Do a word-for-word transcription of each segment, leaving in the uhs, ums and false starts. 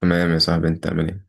تمام يا صاحبي، انت عامل ايه؟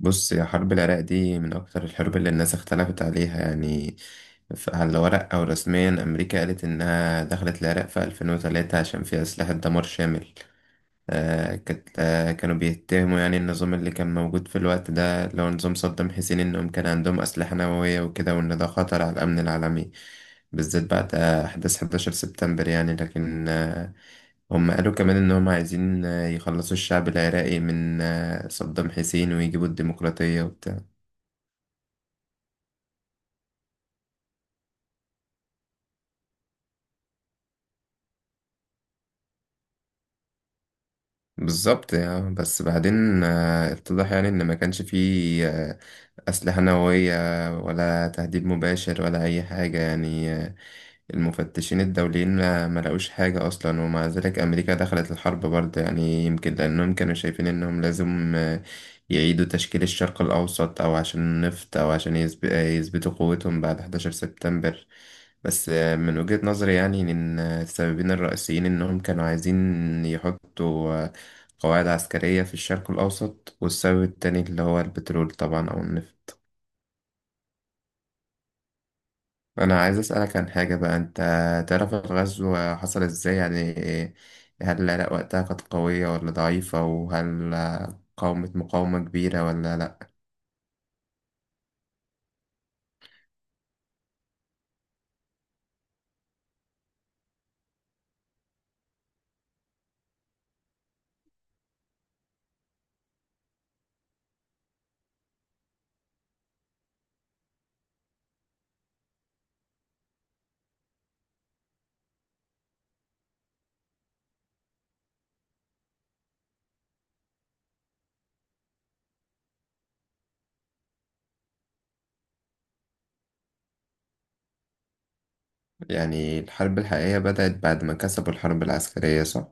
بص يا حرب العراق دي من اكتر الحروب اللي الناس اختلفت عليها، يعني ف- على الورق او رسميا امريكا قالت انها دخلت العراق في ألفين وثلاثة عشان فيها اسلحة دمار شامل. آه كانت، آه كانوا بيتهموا يعني النظام اللي كان موجود في الوقت ده، اللي هو نظام صدام حسين، انهم كان عندهم اسلحة نووية وكده، وان ده خطر على الامن العالمي، بالذات بعد آه، احداث حداشر سبتمبر. يعني لكن آه، هم قالوا كمان إن هم عايزين آه، يخلصوا الشعب العراقي من آه، صدام حسين ويجيبوا الديمقراطية وبتاع. بالظبط آه، بس بعدين آه، اتضح يعني إن ما كانش فيه آه، أسلحة نووية ولا تهديد مباشر ولا أي حاجة، يعني آه، المفتشين الدوليين ما ما لقوش حاجة أصلا، ومع ذلك أمريكا دخلت الحرب برضه. يعني يمكن لأنهم كانوا شايفين إنهم لازم آه، يعيدوا تشكيل الشرق الأوسط، أو عشان النفط، أو عشان يثب- آه، يثبتوا قوتهم بعد حداشر سبتمبر. بس آه، من وجهة نظري، يعني إن آه، السببين الرئيسيين إنهم كانوا عايزين يحطوا آه، قواعد عسكرية في الشرق الأوسط، والسبب التاني اللي هو البترول طبعا أو النفط. انا عايز اسالك عن حاجه بقى، انت تعرف الغزو حصل ازاي يعني؟ هل العراق وقتها كانت قويه ولا ضعيفه، وهل قاومت مقاومه كبيره ولا لا؟ يعني الحرب الحقيقيه بدات بعد ما كسبوا الحرب العسكريه، صح؟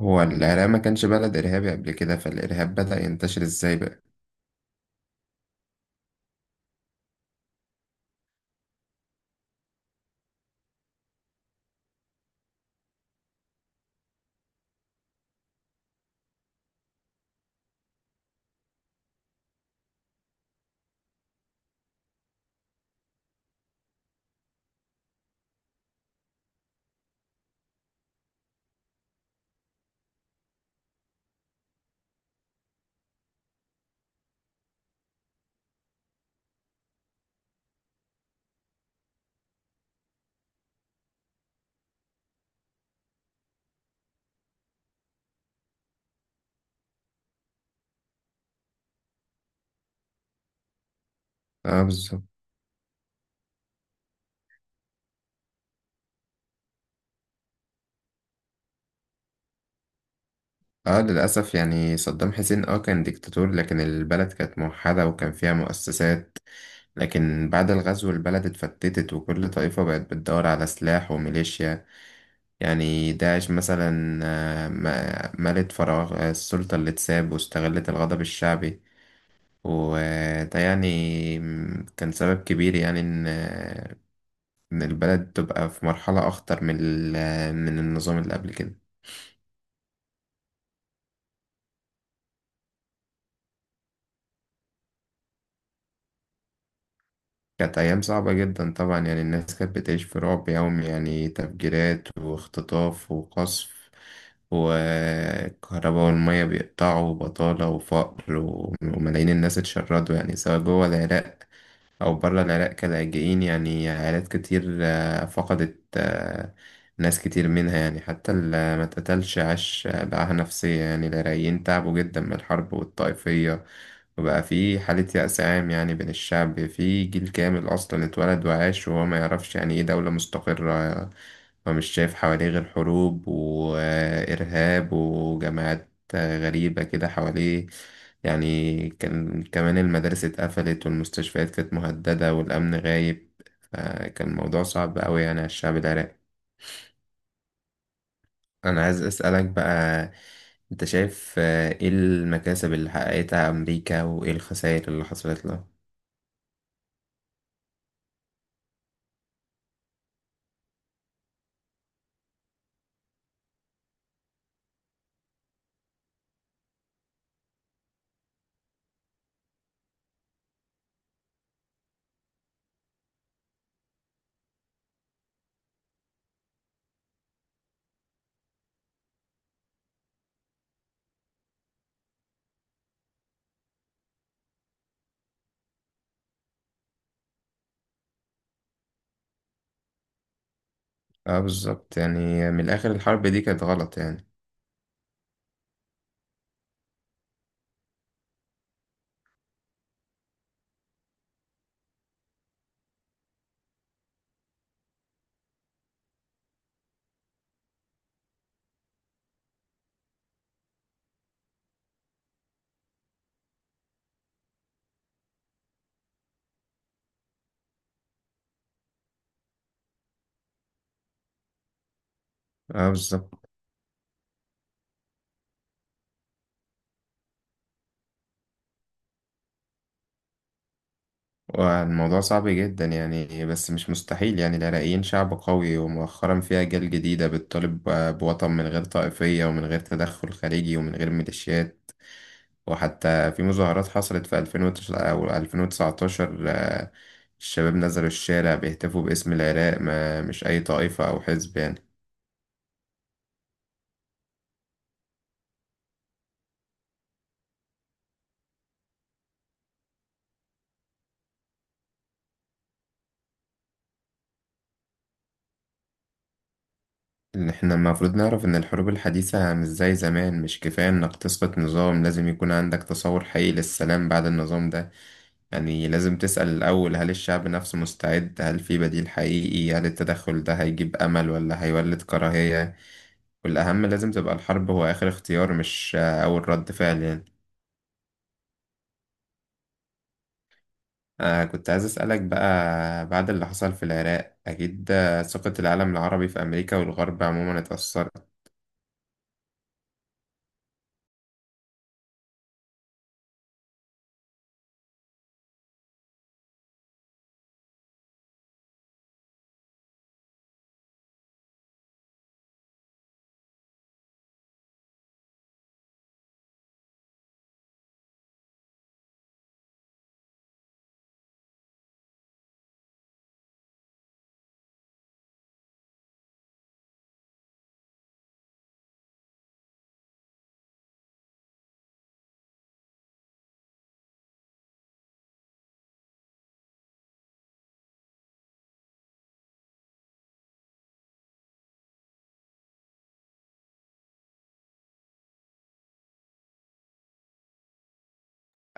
هو العراق ما كانش بلد ارهابي قبل كده، فالارهاب بدا ينتشر ازاي بقى؟ اه بالظبط. اه للاسف، يعني صدام حسين اه كان ديكتاتور، لكن البلد كانت موحده وكان فيها مؤسسات. لكن بعد الغزو البلد اتفتتت، وكل طائفة بقت بتدور على سلاح وميليشيا. يعني داعش مثلا آه، ما- ملت فراغ آه، السلطة اللي اتساب، واستغلت الغضب الشعبي. وده يعني م- كان سبب كبير يعني إن آه، إن البلد تبقى في مرحلة أخطر من ال- آه، من النظام اللي قبل كده. كانت أيام صعبة جدا طبعا، يعني الناس كانت بتعيش في رعب يومي، يعني تفجيرات واختطاف وقصف، والكهرباء والمية بيقطعوا، وبطالة وفقر، وملايين الناس اتشردوا، يعني سواء جوه العراق أو برا العراق كلاجئين. يعني عائلات كتير آه، فقدت آه، ناس كتير منها، يعني حتى اللي ما اتقتلش عاش بقاها نفسية. يعني العراقيين تعبوا جدا من الحرب والطائفية، وبقى في حالة يأس عام يعني بين الشعب، في جيل كامل أصلا اتولد وعاش وهو ما يعرفش يعني إيه دولة مستقرة، ومش شايف حواليه غير حروب وإرهاب وجماعات آه، غريبة كده حواليه. يعني كان كمان المدارس اتقفلت، والمستشفيات كانت مهددة، والأمن غايب، فكان الموضوع صعب أوي يعني على الشعب العراقي. أنا عايز أسألك بقى، أنت شايف آه، إيه المكاسب اللي حققتها أمريكا وإيه الخسائر اللي حصلت لها؟ اه بالظبط، يعني من الآخر الحرب دي كانت غلط يعني. اه بالظبط. والموضوع صعب جدا يعني، بس مش مستحيل. يعني العراقيين شعب قوي، ومؤخرا في أجيال جديدة بتطالب بوطن من غير طائفية، ومن غير تدخل خارجي، ومن غير ميليشيات. وحتى في مظاهرات حصلت في 2019 أو 2019 آه، الشباب نزلوا الشارع بيهتفوا باسم العراق، ما مش أي طائفة أو حزب يعني. إن إحنا المفروض نعرف إن الحروب الحديثة مش زي زمان، مش كفاية إنك تسقط نظام، لازم يكون عندك تصور حقيقي للسلام بعد النظام ده. يعني لازم تسأل الأول، هل الشعب نفسه مستعد؟ هل في بديل حقيقي؟ هل التدخل ده هيجيب أمل ولا هيولد كراهية؟ والأهم، لازم تبقى الحرب هو آخر اختيار، مش آه، أول رد فعل يعني. آه كنت عايز أسألك بقى، بعد اللي حصل في العراق أكيد آه، ثقة العالم العربي في أمريكا والغرب عموما اتأثرت.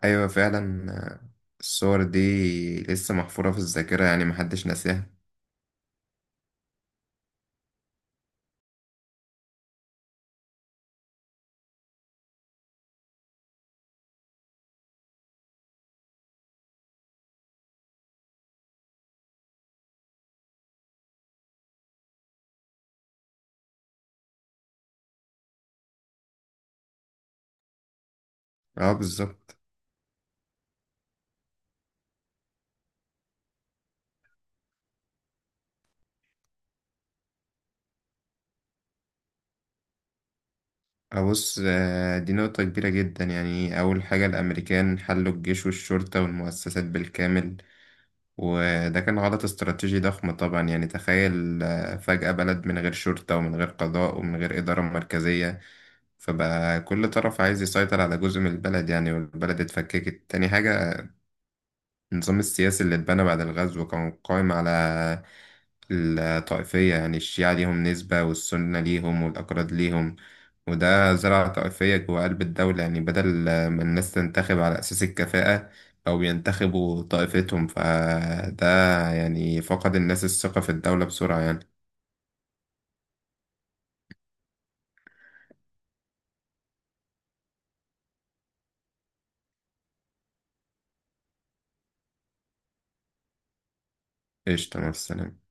أيوة فعلا آه، الصور دي لسه محفورة في الذاكرة، يعني محدش ناساها. اه بالظبط. أبص آه، دي نقطة كبيرة جدا. يعني أول حاجة الأمريكان حلوا الجيش والشرطة والمؤسسات بالكامل، وده كان غلط استراتيجي ضخم طبعا. يعني تخيل آه، فجأة بلد من غير شرطة ومن غير قضاء ومن غير إدارة مركزية، فبقى كل طرف عايز يسيطر على جزء من البلد يعني، والبلد اتفككت. تاني حاجة، النظام السياسي اللي اتبنى بعد الغزو كان قائم على الطائفية، يعني الشيعة ليهم نسبة والسنة ليهم والأكراد ليهم، وده زرع طائفية جوا قلب الدولة. يعني بدل ما الناس تنتخب على أساس الكفاءة، أو ينتخبوا طائفتهم، فده يعني فقد الناس الثقة في الدولة بسرعة يعني. قشطة، مع السلامة.